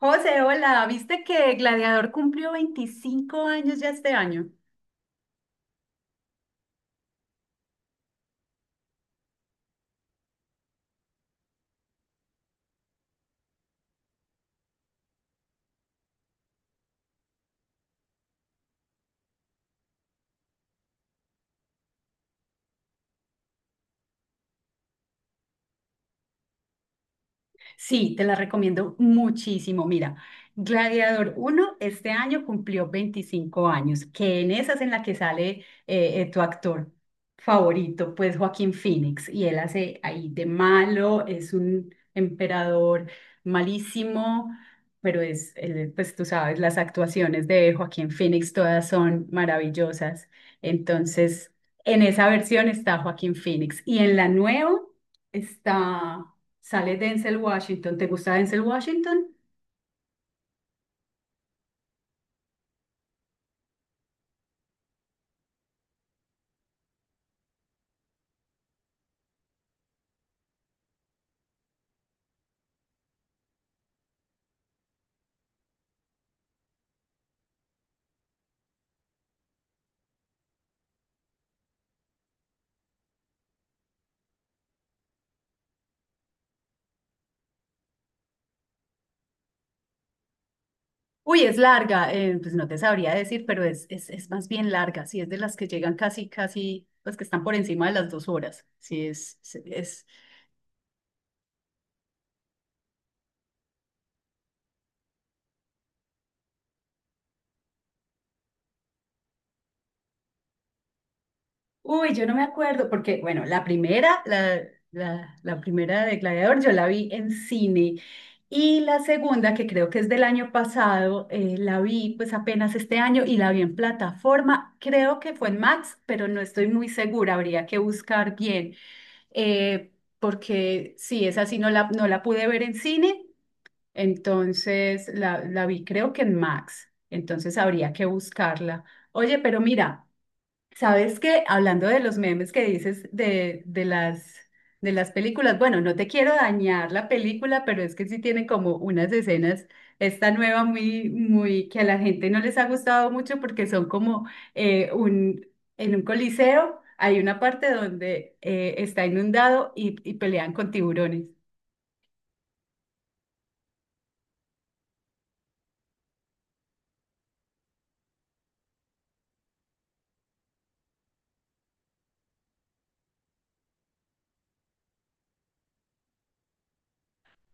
José, hola, ¿viste que Gladiador cumplió 25 años ya este año? Sí, te la recomiendo muchísimo. Mira, Gladiador uno este año cumplió 25 años, que en esa es en la que sale tu actor favorito, pues Joaquín Phoenix, y él hace ahí de malo, es un emperador malísimo, pero él, pues tú sabes, las actuaciones de Joaquín Phoenix todas son maravillosas. Entonces, en esa versión está Joaquín Phoenix y en la nueva está. Sale Denzel Washington. ¿Te gusta Denzel Washington? Uy, es larga, pues no te sabría decir, pero es más bien larga, sí, es de las que llegan casi, casi, pues que están por encima de las 2 horas, sí. Uy, yo no me acuerdo, porque bueno, la primera de Gladiador yo la vi en cine y la segunda, que creo que es del año pasado, la vi pues apenas este año y la vi en plataforma, creo que fue en Max, pero no estoy muy segura, habría que buscar bien, eh, porque sí, esa sí no la pude ver en cine, entonces la vi creo que en Max, entonces habría que buscarla. Oye, pero mira. Sabes que hablando de los memes que dices de las películas, bueno, no te quiero dañar la película, pero es que sí tienen como unas escenas, esta nueva muy, muy, que a la gente no les ha gustado mucho porque son como eh, un, en un coliseo hay una parte donde está inundado y pelean con tiburones.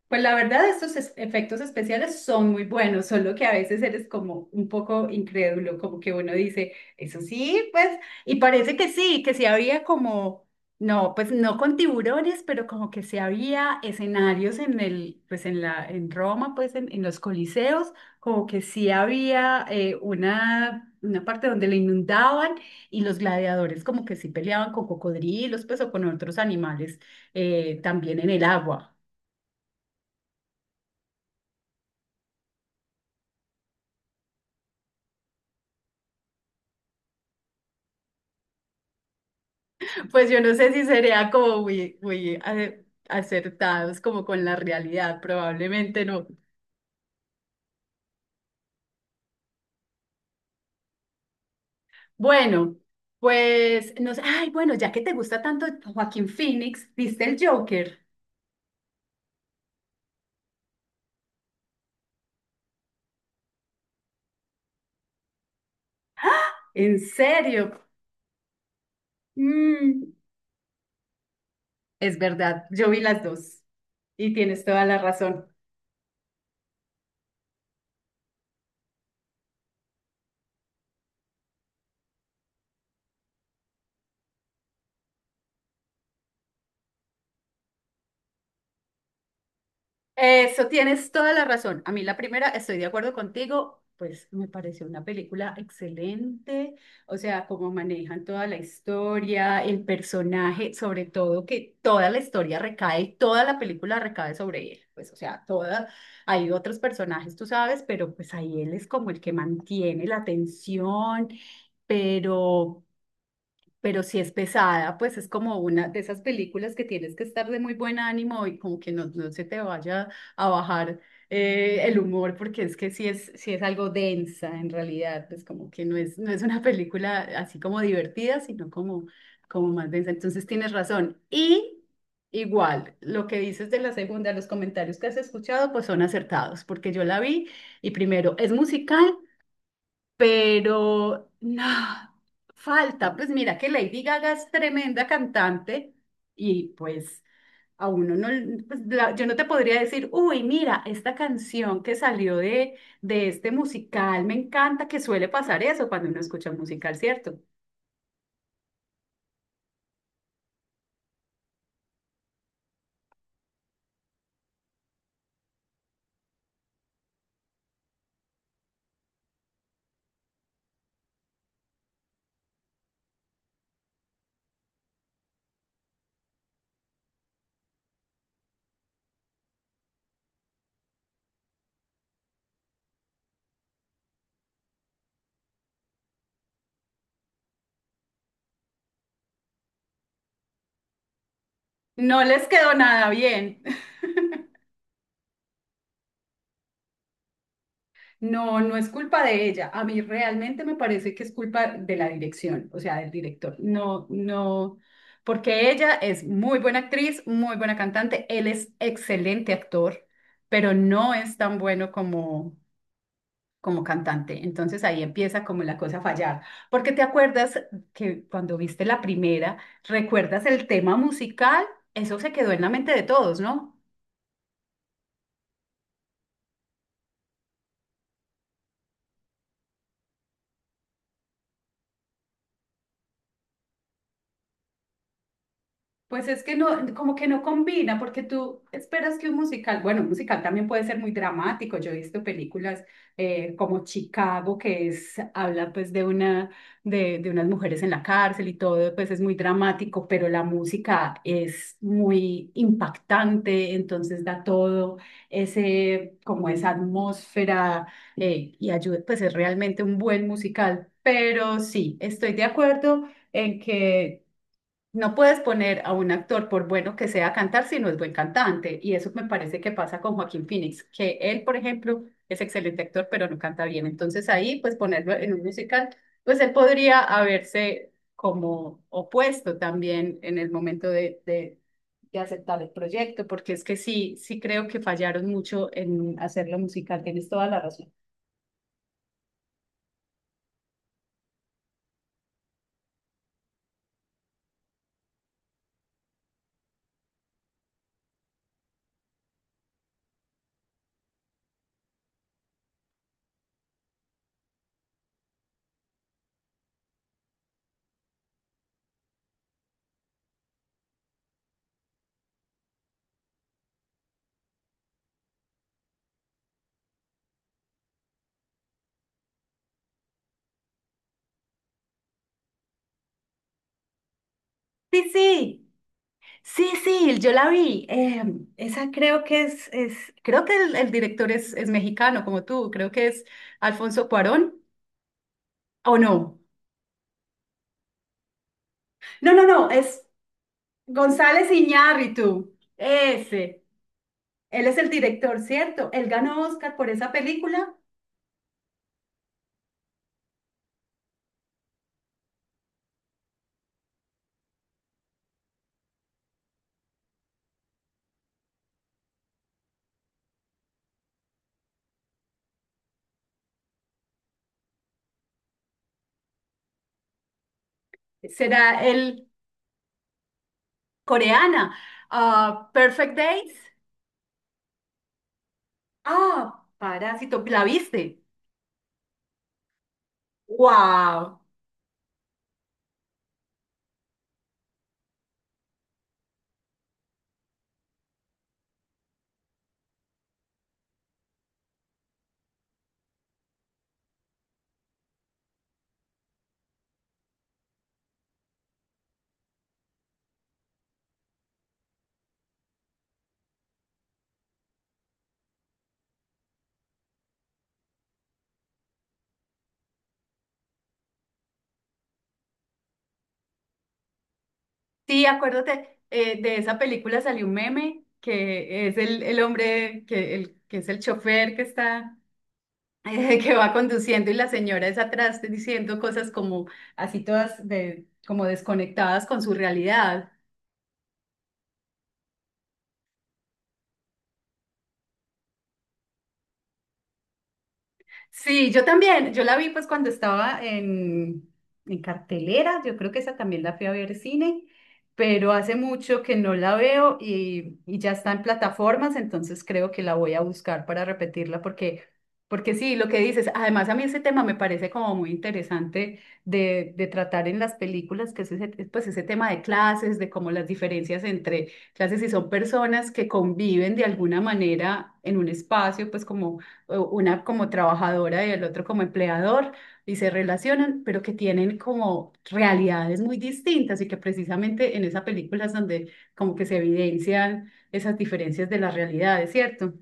Pues la verdad, estos efectos especiales son muy buenos, solo que a veces eres como un poco incrédulo, como que uno dice, eso sí, pues, y parece que sí, había como, no, pues no con tiburones, pero como que sí había escenarios en el, pues en la, en Roma, pues en los coliseos, como que sí había una parte donde le inundaban y los gladiadores como que sí peleaban con cocodrilos, pues o con otros animales también en el agua. Pues yo no sé si sería como muy, muy acertados como con la realidad, probablemente no. Bueno, pues no sé, ay, bueno, ya que te gusta tanto Joaquín Phoenix, ¿viste el Joker? ¿En serio? Mm, es verdad, yo vi las dos y tienes toda la razón. Eso, tienes toda la razón. A mí la primera, estoy de acuerdo contigo, pues me pareció una película excelente, o sea, cómo manejan toda la historia, el personaje, sobre todo que toda la historia recae, toda la película recae sobre él, pues o sea, toda, hay otros personajes, tú sabes, pero pues ahí él es como el que mantiene la tensión, pero pero si es pesada, pues es como una de esas películas que tienes que estar de muy buen ánimo y como que no se te vaya a bajar el humor, porque es que si es algo densa en realidad, pues como que no es una película así como divertida, sino como más densa. Entonces tienes razón. Y igual, lo que dices de la segunda, los comentarios que has escuchado, pues son acertados, porque yo la vi y primero es musical pero no, falta, pues mira que Lady Gaga es tremenda cantante y pues a uno no, pues, yo no te podría decir, uy, mira, esta canción que salió de este musical, me encanta que suele pasar eso cuando uno escucha un musical, ¿cierto? No les quedó nada bien. No, no es culpa de ella. A mí realmente me parece que es culpa de la dirección, o sea, del director. No, no, porque ella es muy buena actriz, muy buena cantante, él es excelente actor, pero no es tan bueno como cantante. Entonces ahí empieza como la cosa a fallar. Porque te acuerdas que cuando viste la primera, ¿recuerdas el tema musical? Eso se quedó en la mente de todos, ¿no? Pues es que no, como que no combina, porque tú esperas que un musical, bueno, un musical también puede ser muy dramático. Yo he visto películas como Chicago, que es, habla pues de unas mujeres en la cárcel y todo, pues es muy dramático, pero la música es muy impactante, entonces da todo ese, como esa atmósfera y ayuda, pues es realmente un buen musical. Pero sí, estoy de acuerdo en que no puedes poner a un actor, por bueno que sea, a cantar si no es buen cantante. Y eso me parece que pasa con Joaquín Phoenix, que él, por ejemplo, es excelente actor, pero no canta bien. Entonces ahí, pues ponerlo en un musical, pues él podría haberse como opuesto también en el momento de, de aceptar el proyecto, porque es que sí, sí creo que fallaron mucho en hacerlo musical. Tienes toda la razón. Sí, sí. Sí, sí, yo la vi. Esa creo que es creo que el director es mexicano, como tú. Creo que es Alfonso Cuarón, ¿o no? No, no, no, es González Iñárritu. Ese. Él es el director, ¿cierto? Él ganó Oscar por esa película. Será el coreana. Ah, Perfect Days. Ah, Parásito. ¿La viste? ¡Wow! Sí, acuérdate, de esa película salió un meme que es el hombre, que es el chofer que está, que va conduciendo y la señora es atrás diciendo cosas como así todas de, como desconectadas con su realidad. Sí, yo también. Yo la vi pues cuando estaba en cartelera. Yo creo que esa también la fui a ver cine, pero hace mucho que no la veo y ya está en plataformas, entonces creo que la voy a buscar para repetirla porque sí, lo que dices, además a mí ese tema me parece como muy interesante de tratar en las películas, que es ese, pues ese tema de clases, de cómo las diferencias entre clases y son personas que conviven de alguna manera en un espacio, pues como una como trabajadora y el otro como empleador, y se relacionan, pero que tienen como realidades muy distintas y que precisamente en esa película es donde como que se evidencian esas diferencias de las realidades, ¿cierto?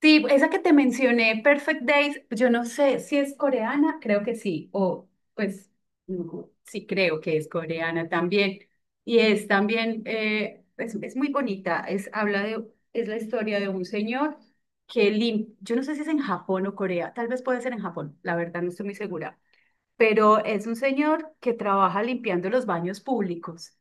Sí, esa que te mencioné, Perfect Days, yo no sé si es coreana, creo que sí, o pues no, sí creo que es coreana también. Y es también, es muy bonita, es, habla de, es la historia de un señor que yo no sé si es en Japón o Corea, tal vez puede ser en Japón, la verdad no estoy muy segura, pero es un señor que trabaja limpiando los baños públicos.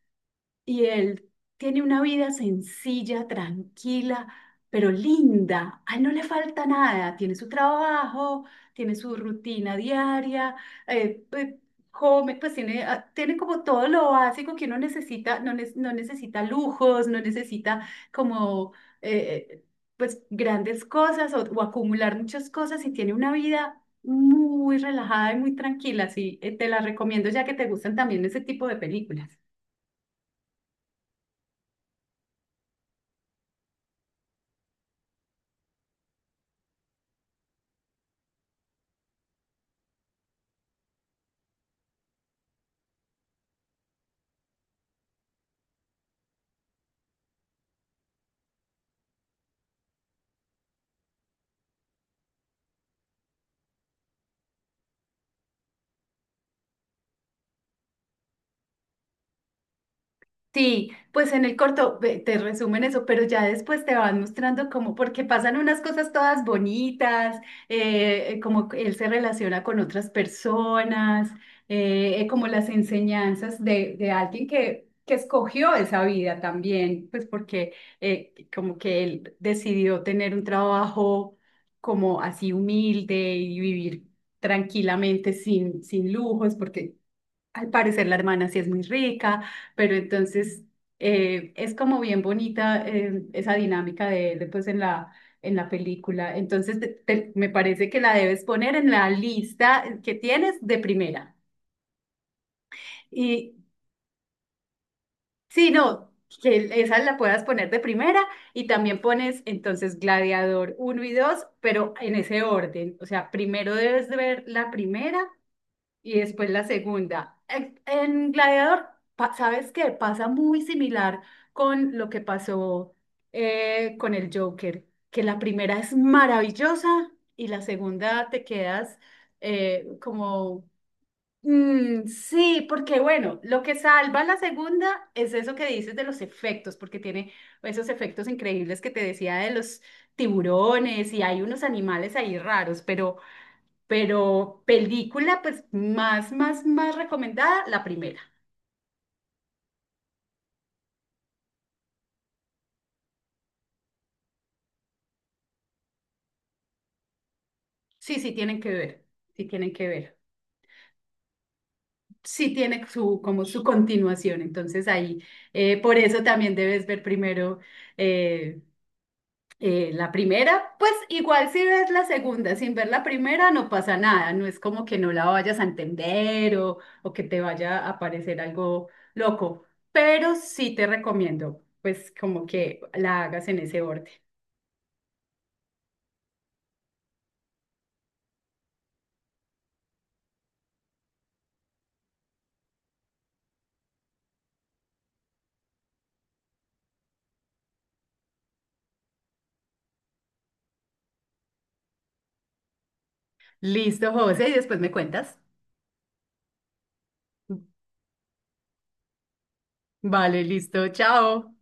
Y él tiene una vida sencilla, tranquila, pero linda. A él no le falta nada. Tiene su trabajo, tiene su rutina diaria, eh, eh, come, pues tiene, ah, tiene como todo lo básico que uno necesita. No, no necesita lujos, no necesita como eh, eh, pues grandes cosas o acumular muchas cosas y tiene una vida muy relajada y muy tranquila. Sí, te la recomiendo ya que te gustan también ese tipo de películas. Sí, pues en el corto te resumen eso, pero ya después te van mostrando cómo, porque pasan unas cosas todas bonitas, como él se relaciona con otras personas, como las enseñanzas de alguien que escogió esa vida también, pues porque como que él decidió tener un trabajo como así humilde y vivir tranquilamente sin lujos, porque al parecer la hermana sí es muy rica, pero entonces es como bien bonita esa dinámica pues en la película. Entonces me parece que la debes poner en la lista que tienes de primera. Y sí, no, que esa la puedas poner de primera y también pones entonces Gladiador uno y 2, pero en ese orden. O sea, primero debes de ver la primera y después la segunda. En Gladiador, ¿sabes qué? Pasa muy similar con lo que pasó con el Joker, que la primera es maravillosa y la segunda te quedas como, Mm, sí, porque bueno, lo que salva la segunda es eso que dices de los efectos, porque tiene esos efectos increíbles que te decía de los tiburones y hay unos animales ahí raros, pero... Pero película, pues más, más, más recomendada, la primera. Sí, sí tienen que ver, sí tienen que ver. Sí tiene su, como su continuación, entonces ahí, por eso también debes ver primero eh, la primera, pues igual si ves la segunda sin ver la primera no pasa nada, no es como que no la vayas a entender o que te vaya a parecer algo loco, pero sí te recomiendo pues como que la hagas en ese orden. Listo, José, y después me cuentas. Vale, listo, chao.